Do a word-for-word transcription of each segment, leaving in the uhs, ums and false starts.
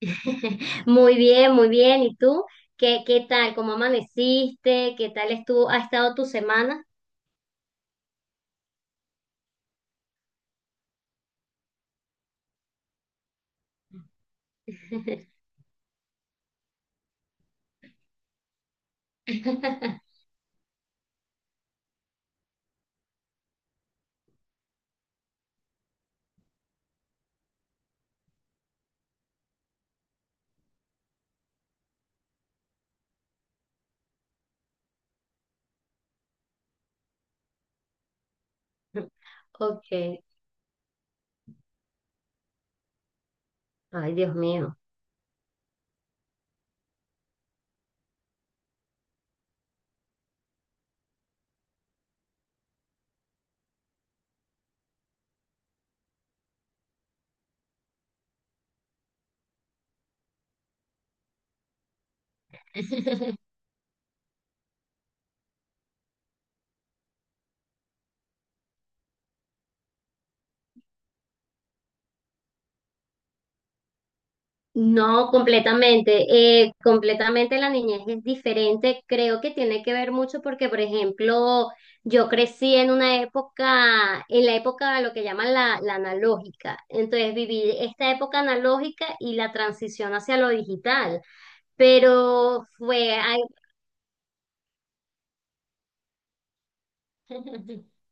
Muy bien, muy bien. ¿Y tú? ¿Qué, qué tal? ¿Cómo amaneciste? ¿Qué tal estuvo, ha estado tu semana? Ok. Ay, Dios mío. No, completamente. Eh, completamente la niñez es diferente. Creo que tiene que ver mucho porque, por ejemplo, yo crecí en una época, en la época de lo que llaman la, la analógica. Entonces viví esta época analógica y la transición hacia lo digital. Pero fue,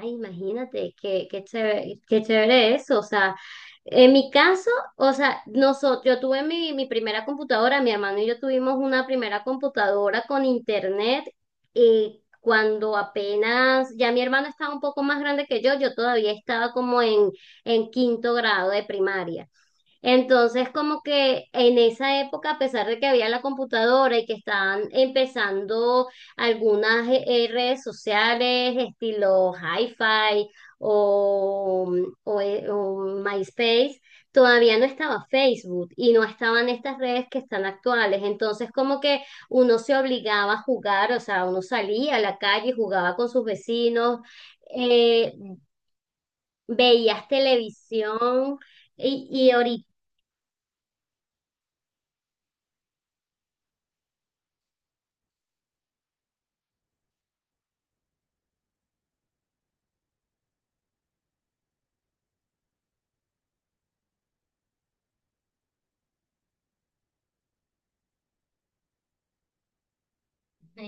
ay, imagínate, qué, qué chévere, qué chévere eso. O sea, en mi caso, o sea, nosotros, yo tuve mi, mi primera computadora, mi hermano y yo tuvimos una primera computadora con internet, y cuando apenas, ya mi hermano estaba un poco más grande que yo, yo todavía estaba como en, en quinto grado de primaria. Entonces, como que en esa época, a pesar de que había la computadora y que estaban empezando algunas eh, eh, redes sociales, estilo hi-fi o, o, eh, o MySpace, todavía no estaba Facebook y no estaban estas redes que están actuales. Entonces, como que uno se obligaba a jugar, o sea, uno salía a la calle, jugaba con sus vecinos, eh, veías televisión. Y,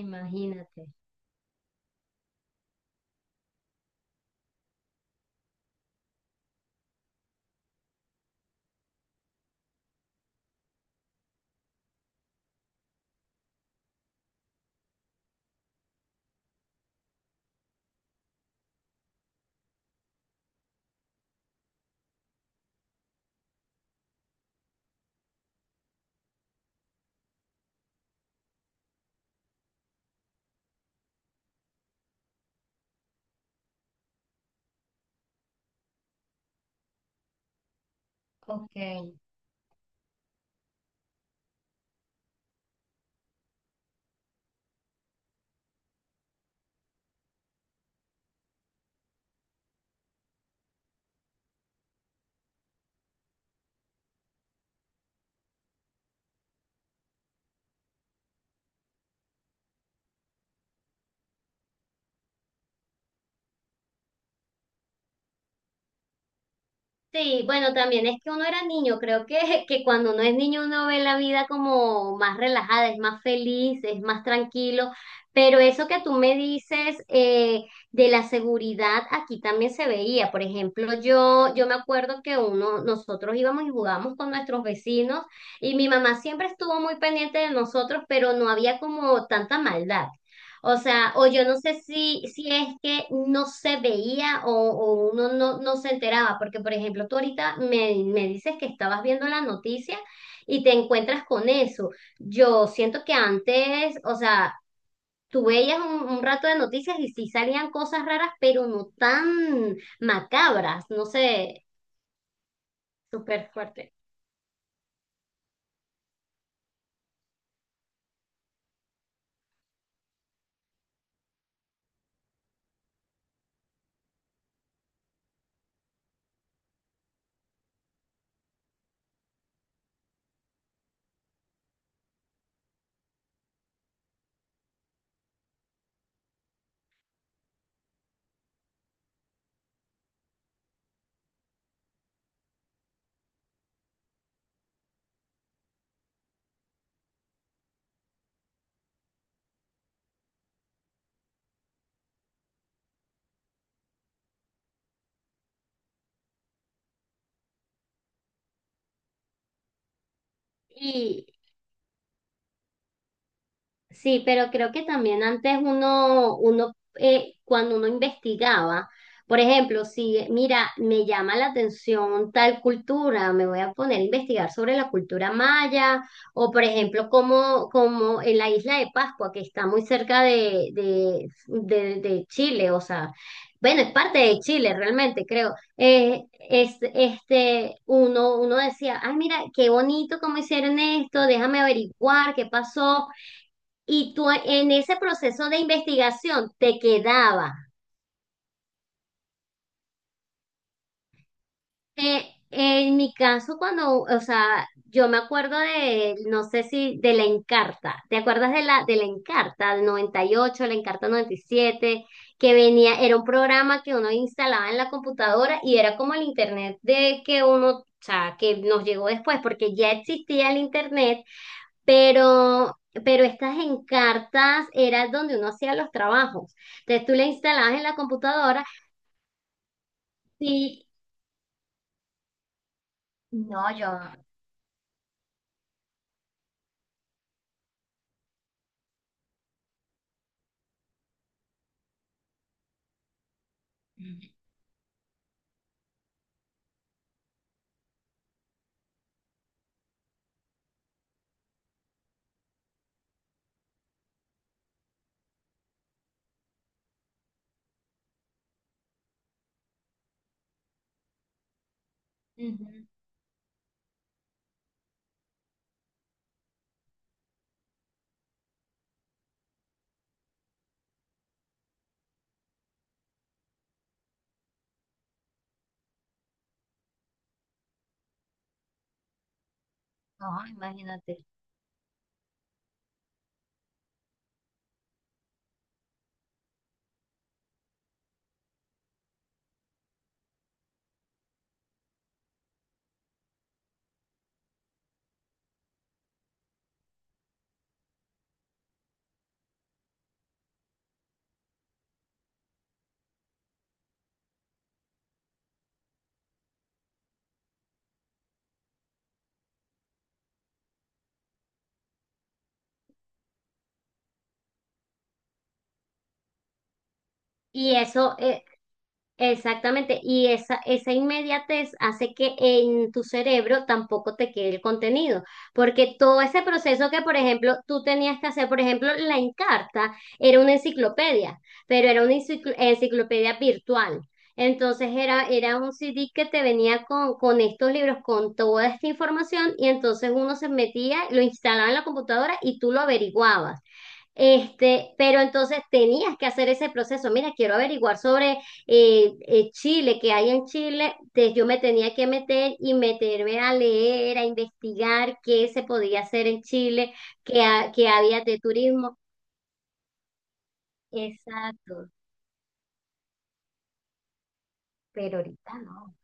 imagínate. Ok. Sí, bueno, también es que uno era niño, creo que, que cuando uno es niño uno ve la vida como más relajada, es más feliz, es más tranquilo, pero eso que tú me dices, eh, de la seguridad aquí también se veía. Por ejemplo, yo, yo me acuerdo que uno, nosotros íbamos y jugábamos con nuestros vecinos y mi mamá siempre estuvo muy pendiente de nosotros, pero no había como tanta maldad. O sea, o yo no sé si, si es que no se veía, o, o uno no, no se enteraba, porque por ejemplo, tú ahorita me, me dices que estabas viendo la noticia y te encuentras con eso. Yo siento que antes, o sea, tú veías un, un rato de noticias y sí salían cosas raras, pero no tan macabras, no sé, súper fuerte. Sí, pero creo que también antes uno, uno, eh, cuando uno investigaba, por ejemplo, si mira, me llama la atención tal cultura, me voy a poner a investigar sobre la cultura maya, o por ejemplo, como, como en la isla de Pascua, que está muy cerca de, de, de- de Chile, o sea, bueno, es parte de Chile realmente, creo. Eh, es, este, uno, uno decía, ay, mira, qué bonito cómo hicieron esto, déjame averiguar qué pasó. Y tú en ese proceso de investigación te quedaba. Eh, en mi caso, cuando, o sea, yo me acuerdo de, no sé si, de la Encarta. ¿Te acuerdas de la, de la Encarta del noventa y ocho, la Encarta noventa y siete, que venía, era un programa que uno instalaba en la computadora y era como el internet de que uno, o sea, que nos llegó después, porque ya existía el internet, pero, pero estas encartas era donde uno hacía los trabajos. Entonces tú le instalabas en la computadora y no, yo, ujú, no, imagínate. Y eso, eh, exactamente, y esa, esa inmediatez hace que en tu cerebro tampoco te quede el contenido, porque todo ese proceso que, por ejemplo, tú tenías que hacer, por ejemplo, la Encarta era una enciclopedia, pero era una encicl- enciclopedia virtual. Entonces era, era un C D que te venía con, con estos libros, con toda esta información, y entonces uno se metía, lo instalaba en la computadora y tú lo averiguabas. Este, pero entonces tenías que hacer ese proceso. Mira, quiero averiguar sobre eh, eh, Chile, qué hay en Chile. Entonces yo me tenía que meter y meterme a leer, a investigar qué se podía hacer en Chile, qué, ha- qué había de turismo. Exacto, pero ahorita no.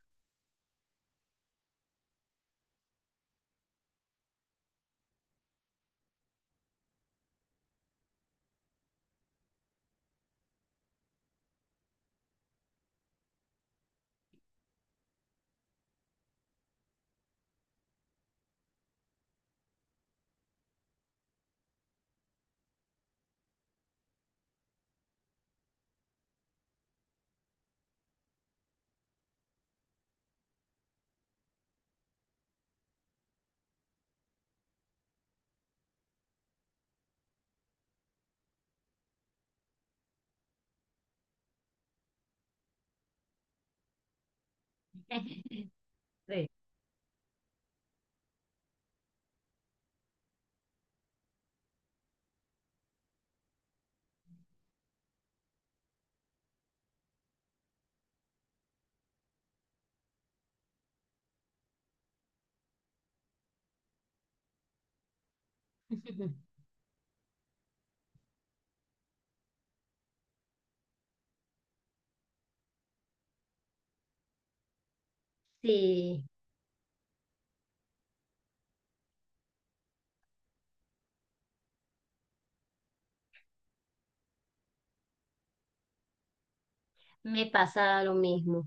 Sí. Sí, me pasa lo mismo.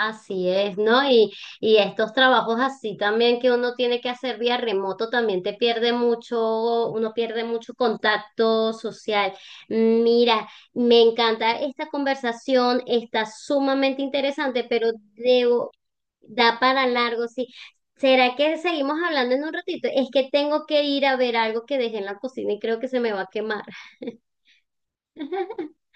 Así es, ¿no? Y, y estos trabajos así también que uno tiene que hacer vía remoto también te pierde mucho, uno pierde mucho contacto social. Mira, me encanta esta conversación, está sumamente interesante, pero debo, da para largo, sí. ¿Será que seguimos hablando en un ratito? Es que tengo que ir a ver algo que dejé en la cocina y creo que se me va a quemar.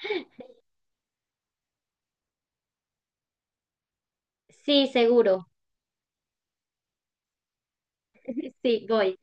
Sí, seguro. Sí, voy.